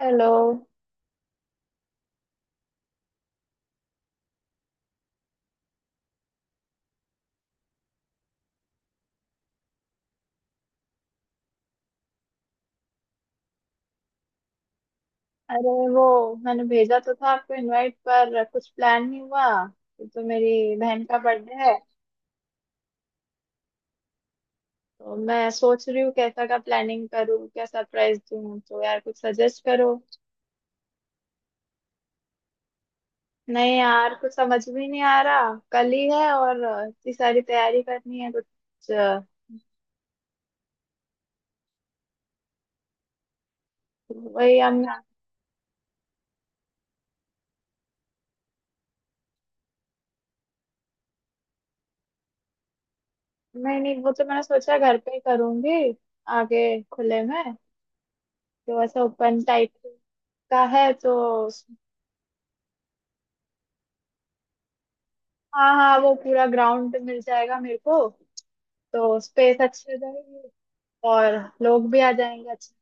Hello. अरे वो मैंने भेजा तो था आपको, इनवाइट पर कुछ प्लान नहीं हुआ। ये तो मेरी बहन का बर्थडे है। तो मैं सोच रही हूँ कैसा का प्लानिंग करूँ, क्या सरप्राइज दूँ, तो यार कुछ सजेस्ट करो। नहीं यार, कुछ समझ भी नहीं आ रहा, कल ही है और इतनी सारी तैयारी करनी है कुछ वही हम। नहीं नहीं, वो तो मैंने सोचा घर पे ही करूँगी, आगे खुले में, तो ऐसा ओपन टाइप का है तो। हाँ हाँ, वो पूरा ग्राउंड मिल जाएगा मेरे को, तो स्पेस अच्छी हो जाएगी और लोग भी आ जाएंगे अच्छे।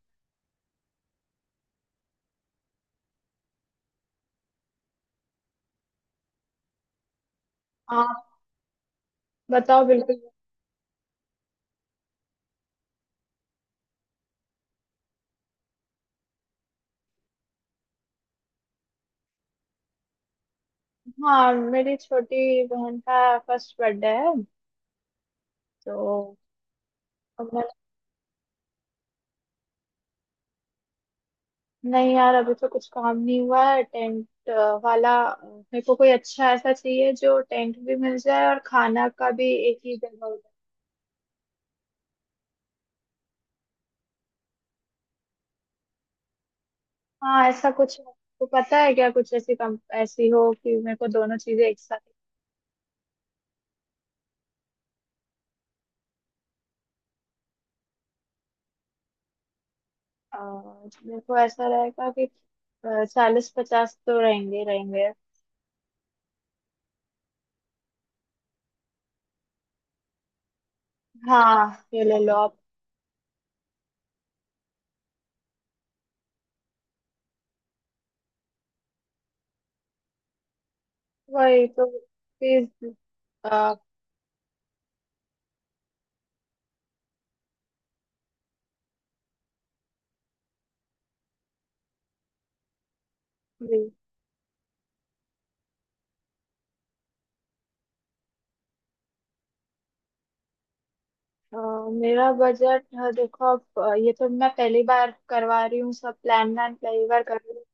हाँ, बताओ बिल्कुल। हाँ, मेरी छोटी बहन का फर्स्ट बर्थडे है तो हमने, नहीं यार अभी तो कुछ काम नहीं हुआ है टेंट वाला। मेरे को कोई अच्छा ऐसा चाहिए जो टेंट भी मिल जाए और खाना का भी एक ही जगह हो जाए। हाँ, ऐसा कुछ आपको पता है क्या, कुछ ऐसी कम ऐसी हो कि मेरे को दोनों चीजें एक साथ। अ, मेरे को ऐसा रहेगा कि 40-50 तो रहेंगे रहेंगे। हाँ ये ले लो आप। वही तो, प्लीज। आ, please, आ, मेरा बजट, देखो आप, ये तो मैं पहली बार करवा रही हूँ, सब प्लान व्लान पहली बार कर रही हूँ,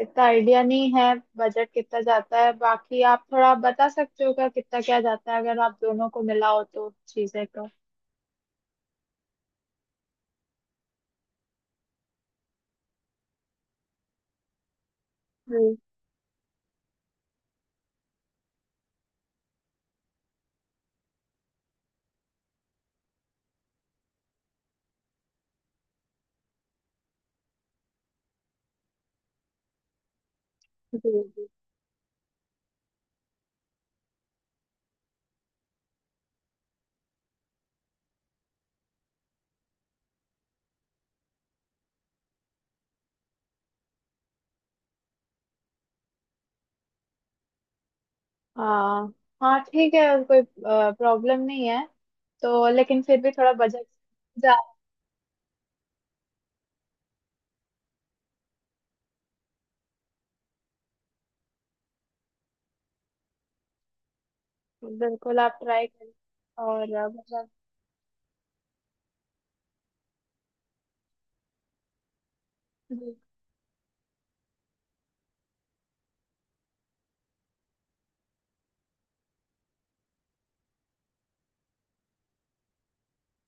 इतना आइडिया नहीं है। बजट कितना जाता है, बाकी आप थोड़ा बता सकते हो क्या कितना क्या जाता है अगर आप दोनों को मिलाओ तो, चीजें तो। जी जी। जी। हाँ हाँ ठीक है, कोई प्रॉब्लम नहीं है, तो लेकिन फिर भी थोड़ा बजट जा। बिल्कुल आप ट्राई करें। और मतलब। जी।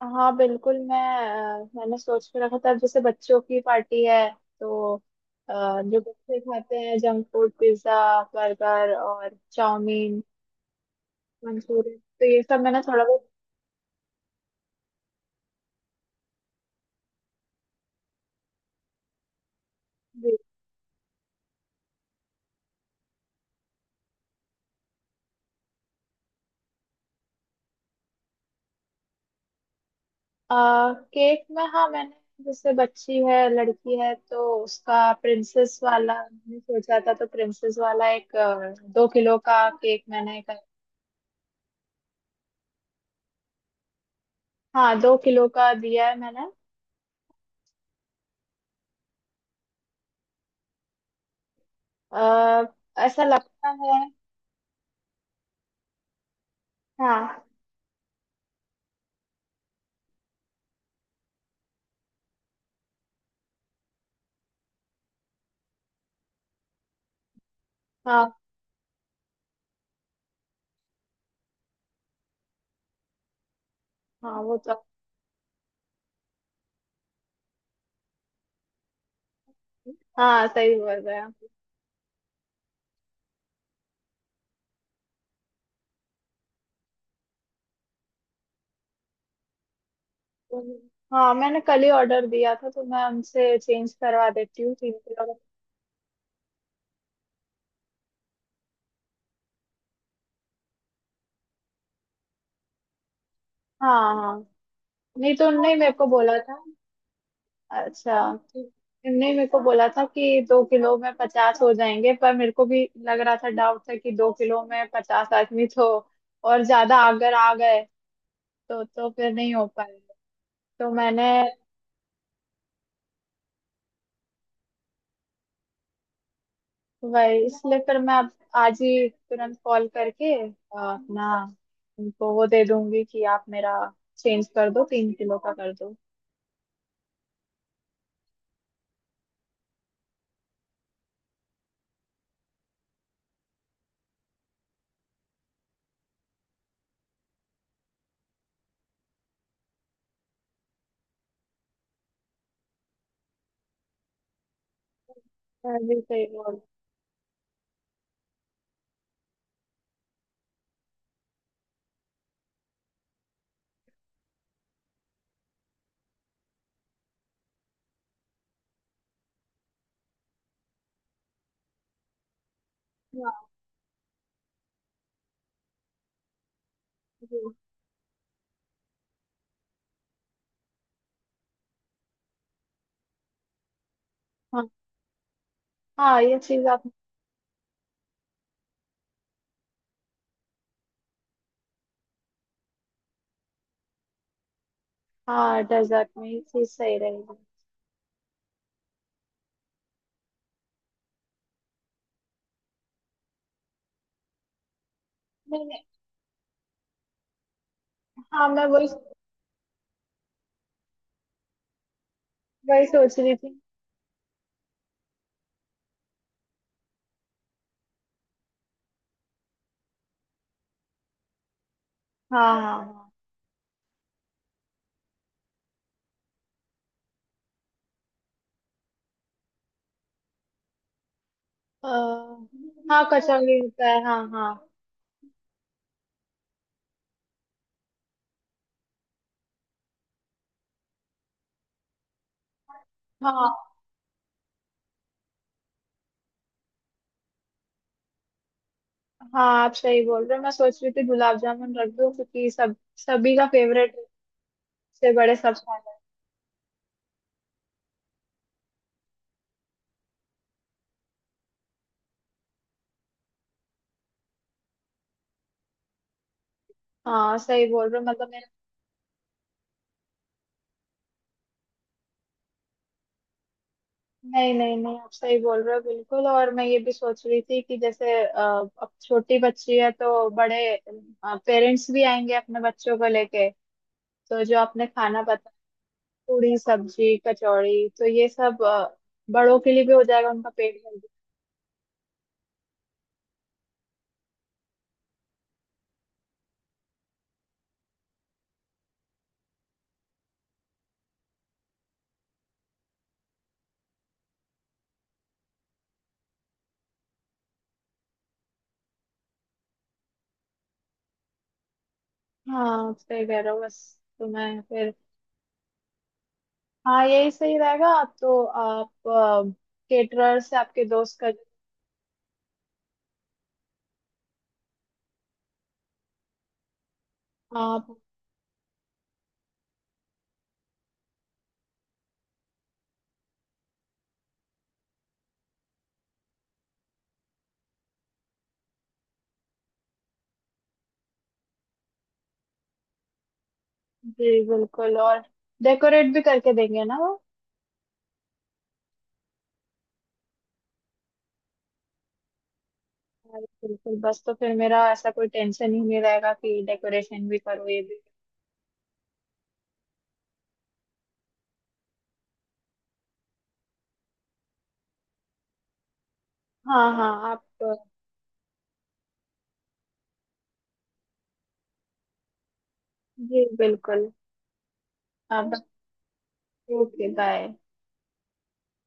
हाँ बिल्कुल मैं, मैंने सोच के रखा था, अब जैसे बच्चों की पार्टी है तो जो बच्चे खाते हैं जंक फूड, पिज्जा, बर्गर और चाउमीन, मंचूरियन, तो ये सब मैंने थोड़ा बहुत। केक में हाँ, मैंने जैसे बच्ची है, लड़की है, तो उसका प्रिंसेस वाला मैंने सोचा था, तो प्रिंसेस वाला एक 2 किलो का केक मैंने कर, हाँ 2 किलो का दिया है मैंने। आ, ऐसा लगता है। हाँ हाँ हाँ, वो तो, हाँ सही बोल रहे हैं आप। हाँ, मैंने कल ही ऑर्डर दिया था, तो मैं उनसे चेंज करवा देती हूँ 3 किलो का। हाँ हाँ, नहीं तो उनने ही मेरे को बोला था। अच्छा। नहीं, मेरे को बोला था कि 2 किलो में 50 हो जाएंगे, पर मेरे को भी लग रहा था, डाउट था कि 2 किलो में पचास आदमी तो, और ज्यादा अगर आ गए तो फिर नहीं हो पाएगा। तो मैंने, वही इसलिए फिर मैं अब आज ही तुरंत कॉल करके अपना उनको वो दे दूंगी कि आप मेरा चेंज कर दो, 3 किलो का कर दो। मैं भी सही बोल। हाँ जी। हाँ हाँ, ये चीज आप। हाँ, डेजर्ट में ये चीज सही रहेगी। नहीं नहीं। हाँ मैं वही वही सोच रही थी। हाँ हाँ हाँ। हाँ, कचौड़ी होता है, हाँ हाँ। हाँ हाँ, आप सही बोल रहे हो, मैं सोच रही थी गुलाब जामुन रख दूं क्योंकि सब सभी का फेवरेट है, से बड़े सब खा रहे हैं। हाँ सही बोल रहे हो, मतलब मेरा। नहीं नहीं नहीं, आप सही बोल रहे हो बिल्कुल, और मैं ये भी सोच रही थी कि जैसे अब छोटी बच्ची है, तो बड़े पेरेंट्स भी आएंगे अपने बच्चों को लेके, तो जो आपने खाना बताया, पूरी सब्जी कचौड़ी तो ये सब बड़ों के लिए भी हो जाएगा, उनका पेट भर। हाँ सही कह रहे हो बस। तो मैं फिर, हाँ यही सही रहेगा तो आप केटरर से आपके दोस्त कर, आप, जी बिल्कुल। और डेकोरेट भी करके देंगे ना वो। हाँ, बिल्कुल, बस तो फिर मेरा ऐसा कोई टेंशन ही नहीं रहेगा कि डेकोरेशन भी करो, ये भी। हाँ हाँ आप। जी बिल्कुल। आप। Okay, bye.